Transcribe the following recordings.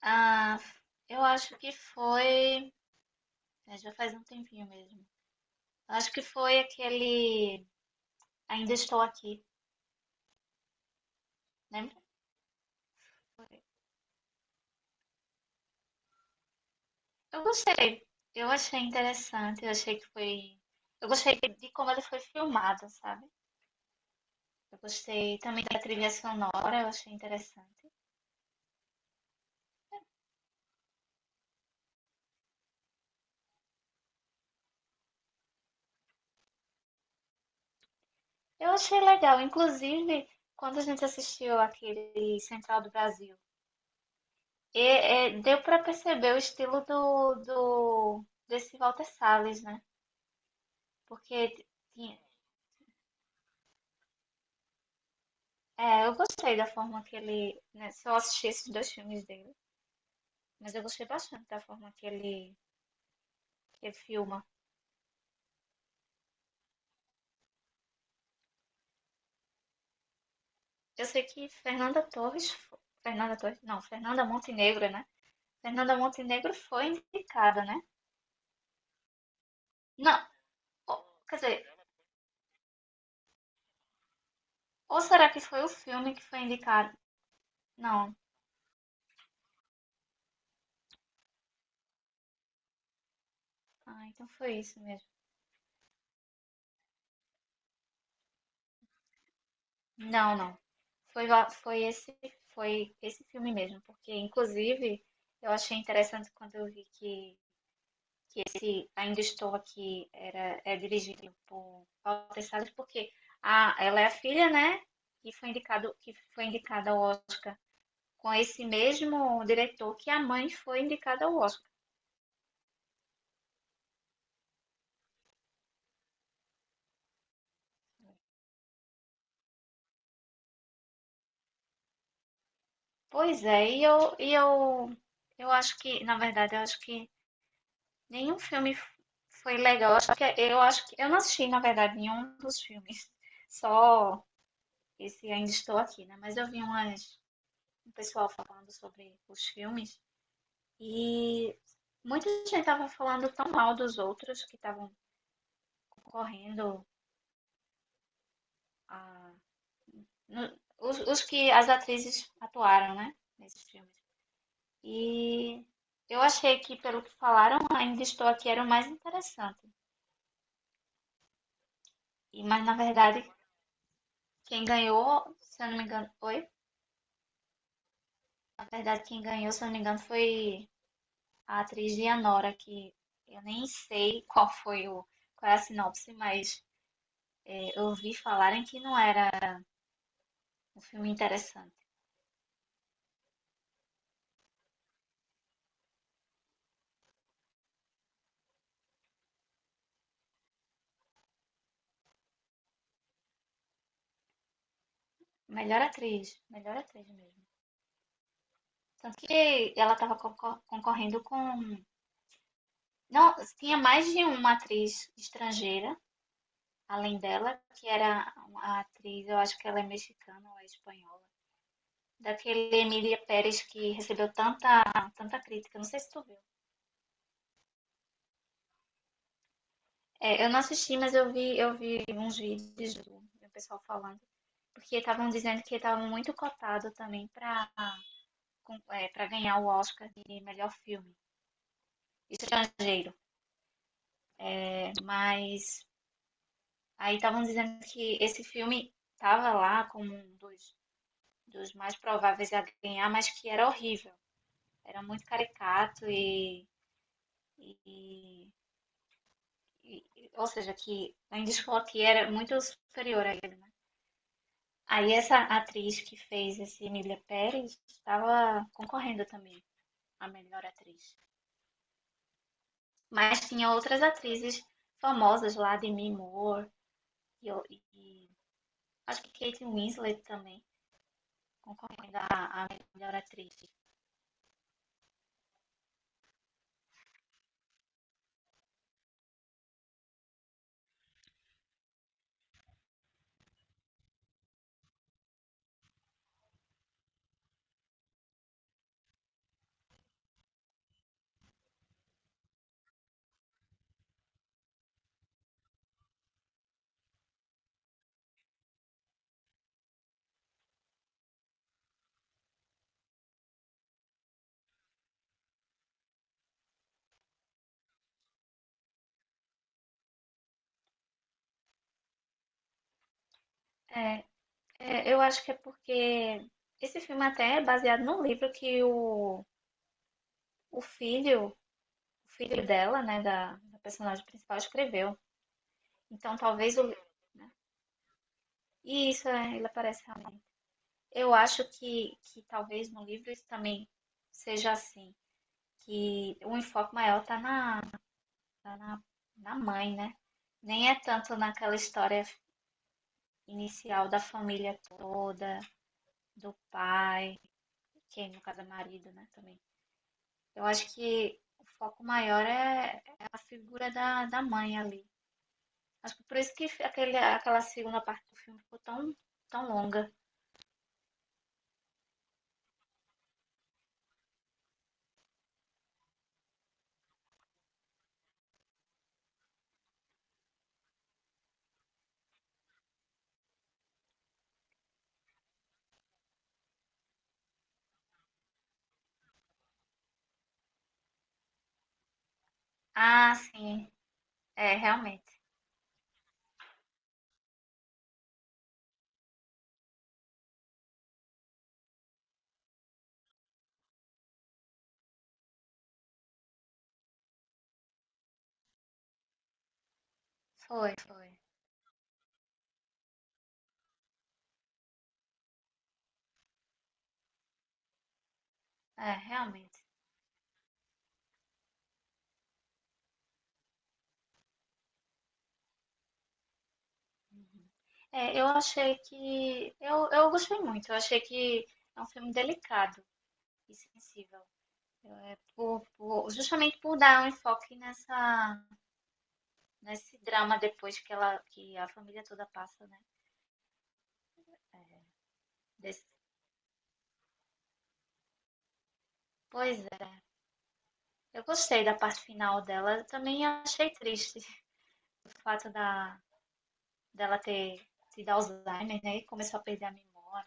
Ah, eu acho que foi. É, já faz um tempinho mesmo. Eu acho que foi aquele Ainda Estou Aqui, lembra? Foi. Eu gostei. Eu achei interessante. Eu achei que foi. Eu gostei de como ele foi filmado, sabe? Eu gostei também da trilha sonora. Eu achei interessante. Eu achei legal. Inclusive, quando a gente assistiu aquele Central do Brasil, e, deu para perceber o estilo do desse Walter Salles, né? Porque é, eu gostei da forma que ele, né, só assisti esses dois filmes dele, mas eu gostei bastante da forma que ele filma. Eu sei que Fernanda Torres, não, Fernanda Montenegro, né? Fernanda Montenegro foi indicada, né? Não, quer dizer, ou será que foi o filme que foi indicado? Não, ah, então foi isso mesmo. Não, não. Foi, lá- foi esse, foi esse filme mesmo, porque inclusive eu achei interessante quando eu vi que Ainda Estou Aqui é dirigido por Paula Teixeira, porque ela é a filha, né? Que foi indicada ao Oscar com esse mesmo diretor que a mãe foi indicada ao Oscar. Pois é, eu acho que, na verdade, eu acho que nenhum filme foi legal. Eu acho acho que, eu não assisti, na verdade, nenhum dos filmes. Só esse Ainda Estou Aqui, né? Mas eu vi um pessoal falando sobre os filmes. E muita gente estava falando tão mal dos outros que estavam concorrendo a- no- os que as atrizes atuaram, né? Nesses filmes. E eu achei que, pelo que falaram, Ainda Estou Aqui era o mais interessante. E, mas na verdade, quem ganhou, se eu não me engano, oi? Na verdade, quem ganhou, se eu não me engano, foi a atriz Dianora, que eu nem sei qual foi o, qual é a sinopse, mas eu ouvi falarem que não era um filme interessante. Melhor atriz mesmo. Tanto que ela estava concorrendo com. Não, tinha mais de uma atriz estrangeira, além dela, que era a atriz, eu acho que ela é mexicana ou é espanhola. Daquele Emília Pérez que recebeu tanta, tanta crítica, não sei se tu viu. É, eu não assisti, mas eu vi uns vídeos do pessoal falando, porque estavam dizendo que estava muito cotado também para ganhar o Oscar de melhor filme estrangeiro. Mas aí estavam dizendo que esse filme estava lá como um dos mais prováveis a ganhar, mas que era horrível. Era muito caricato e- e, ou seja, que Andy Scott era muito superior a ele, né? Aí essa atriz que fez esse Emília Pérez estava concorrendo também a melhor atriz. Mas tinha outras atrizes famosas lá, Demi Moore e acho que Kate Winslet também, concorrendo à melhor atriz. É, eu acho que é porque esse filme até é baseado num livro que o filho, o filho dela, né, da personagem principal, escreveu. Então talvez o livro, né? E isso é, ele aparece realmente. Eu acho que talvez no livro isso também seja assim. Que o enfoque maior está na na mãe, né? Nem é tanto naquela história inicial da família toda, do pai, que é, no caso é marido, né, também. Eu acho que o foco maior é, é a figura da mãe ali. Acho que por isso que aquele, aquela segunda parte do filme ficou tão, tão longa. Ah, sim, é, realmente. Foi, foi. É, realmente. É, eu achei que. Eu gostei muito. Eu achei que é um filme delicado e sensível. É, justamente por dar um enfoque nessa, nesse drama depois que ela, que a família toda passa, né? Desse, pois é. Eu gostei da parte final dela. Eu também achei triste o fato dela ter tido Alzheimer, né? E começou a perder a memória.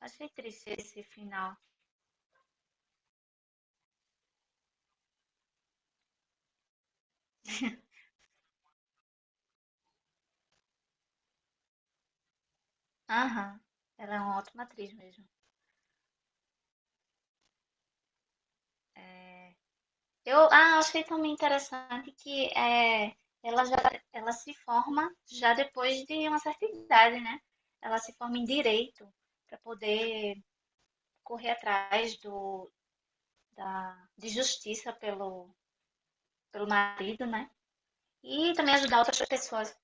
Achei triste esse final. Aham. Ela é uma ótima atriz mesmo. Achei também interessante que é, ela já ela se forma já depois de uma certa idade, né? Ela se forma em direito para poder correr atrás da de justiça pelo, pelo marido, né? E também ajudar outras pessoas.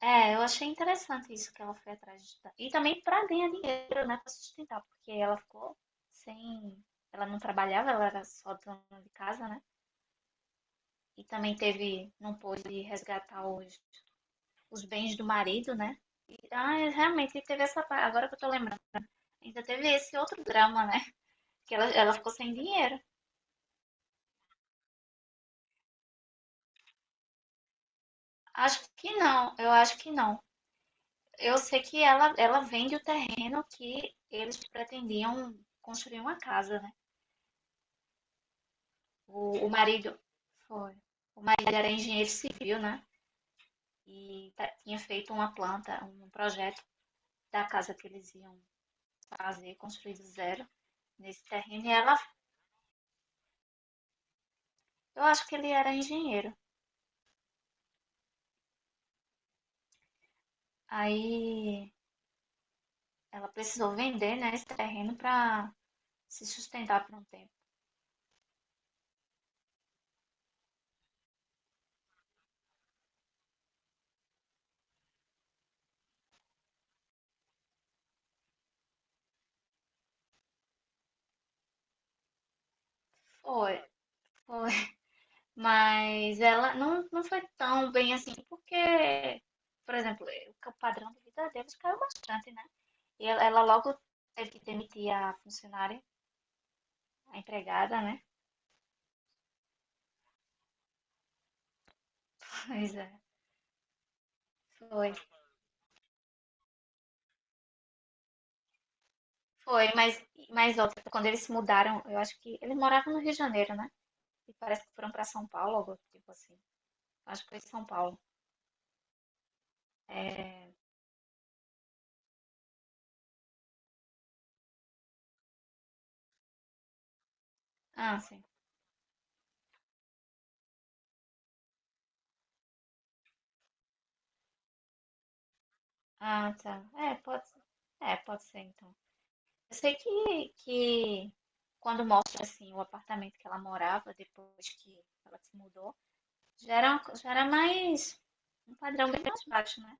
É, eu achei interessante isso que ela foi atrás de ajudar. E também para ganhar dinheiro, né, para sustentar, porque ela ficou sem. Ela não trabalhava, ela era só dona de casa, né? E também teve, não pôde resgatar os bens do marido, né? E, ah, é, realmente teve essa. Agora que eu tô lembrando. Ainda teve esse outro drama, né? Que ela ficou sem dinheiro. Acho que não, eu acho que não. Eu sei que ela vende o terreno que eles pretendiam construir uma casa, né? O marido foi. O marido era engenheiro civil, né? E tinha feito uma planta, um projeto da casa que eles iam fazer, construir do zero nesse terreno. E ela, eu acho que ele era engenheiro. Aí ela precisou vender, né, esse terreno para se sustentar por um tempo. Foi, foi. Mas ela não, não foi tão bem assim, porque, por exemplo, o padrão de vida deles caiu bastante, né? E ela logo teve que demitir a funcionária, a empregada, né? Pois é, foi. Foi, mas outra, quando eles se mudaram, eu acho que eles moravam no Rio de Janeiro, né? E parece que foram para São Paulo, algo tipo assim. Acho que foi São Paulo. É, ah, sim. Ah, tá. É, pode ser. É, pode ser então. Eu sei que quando mostra assim o apartamento que ela morava depois que ela se mudou, já era, já era mais um padrão bem mais baixo, né?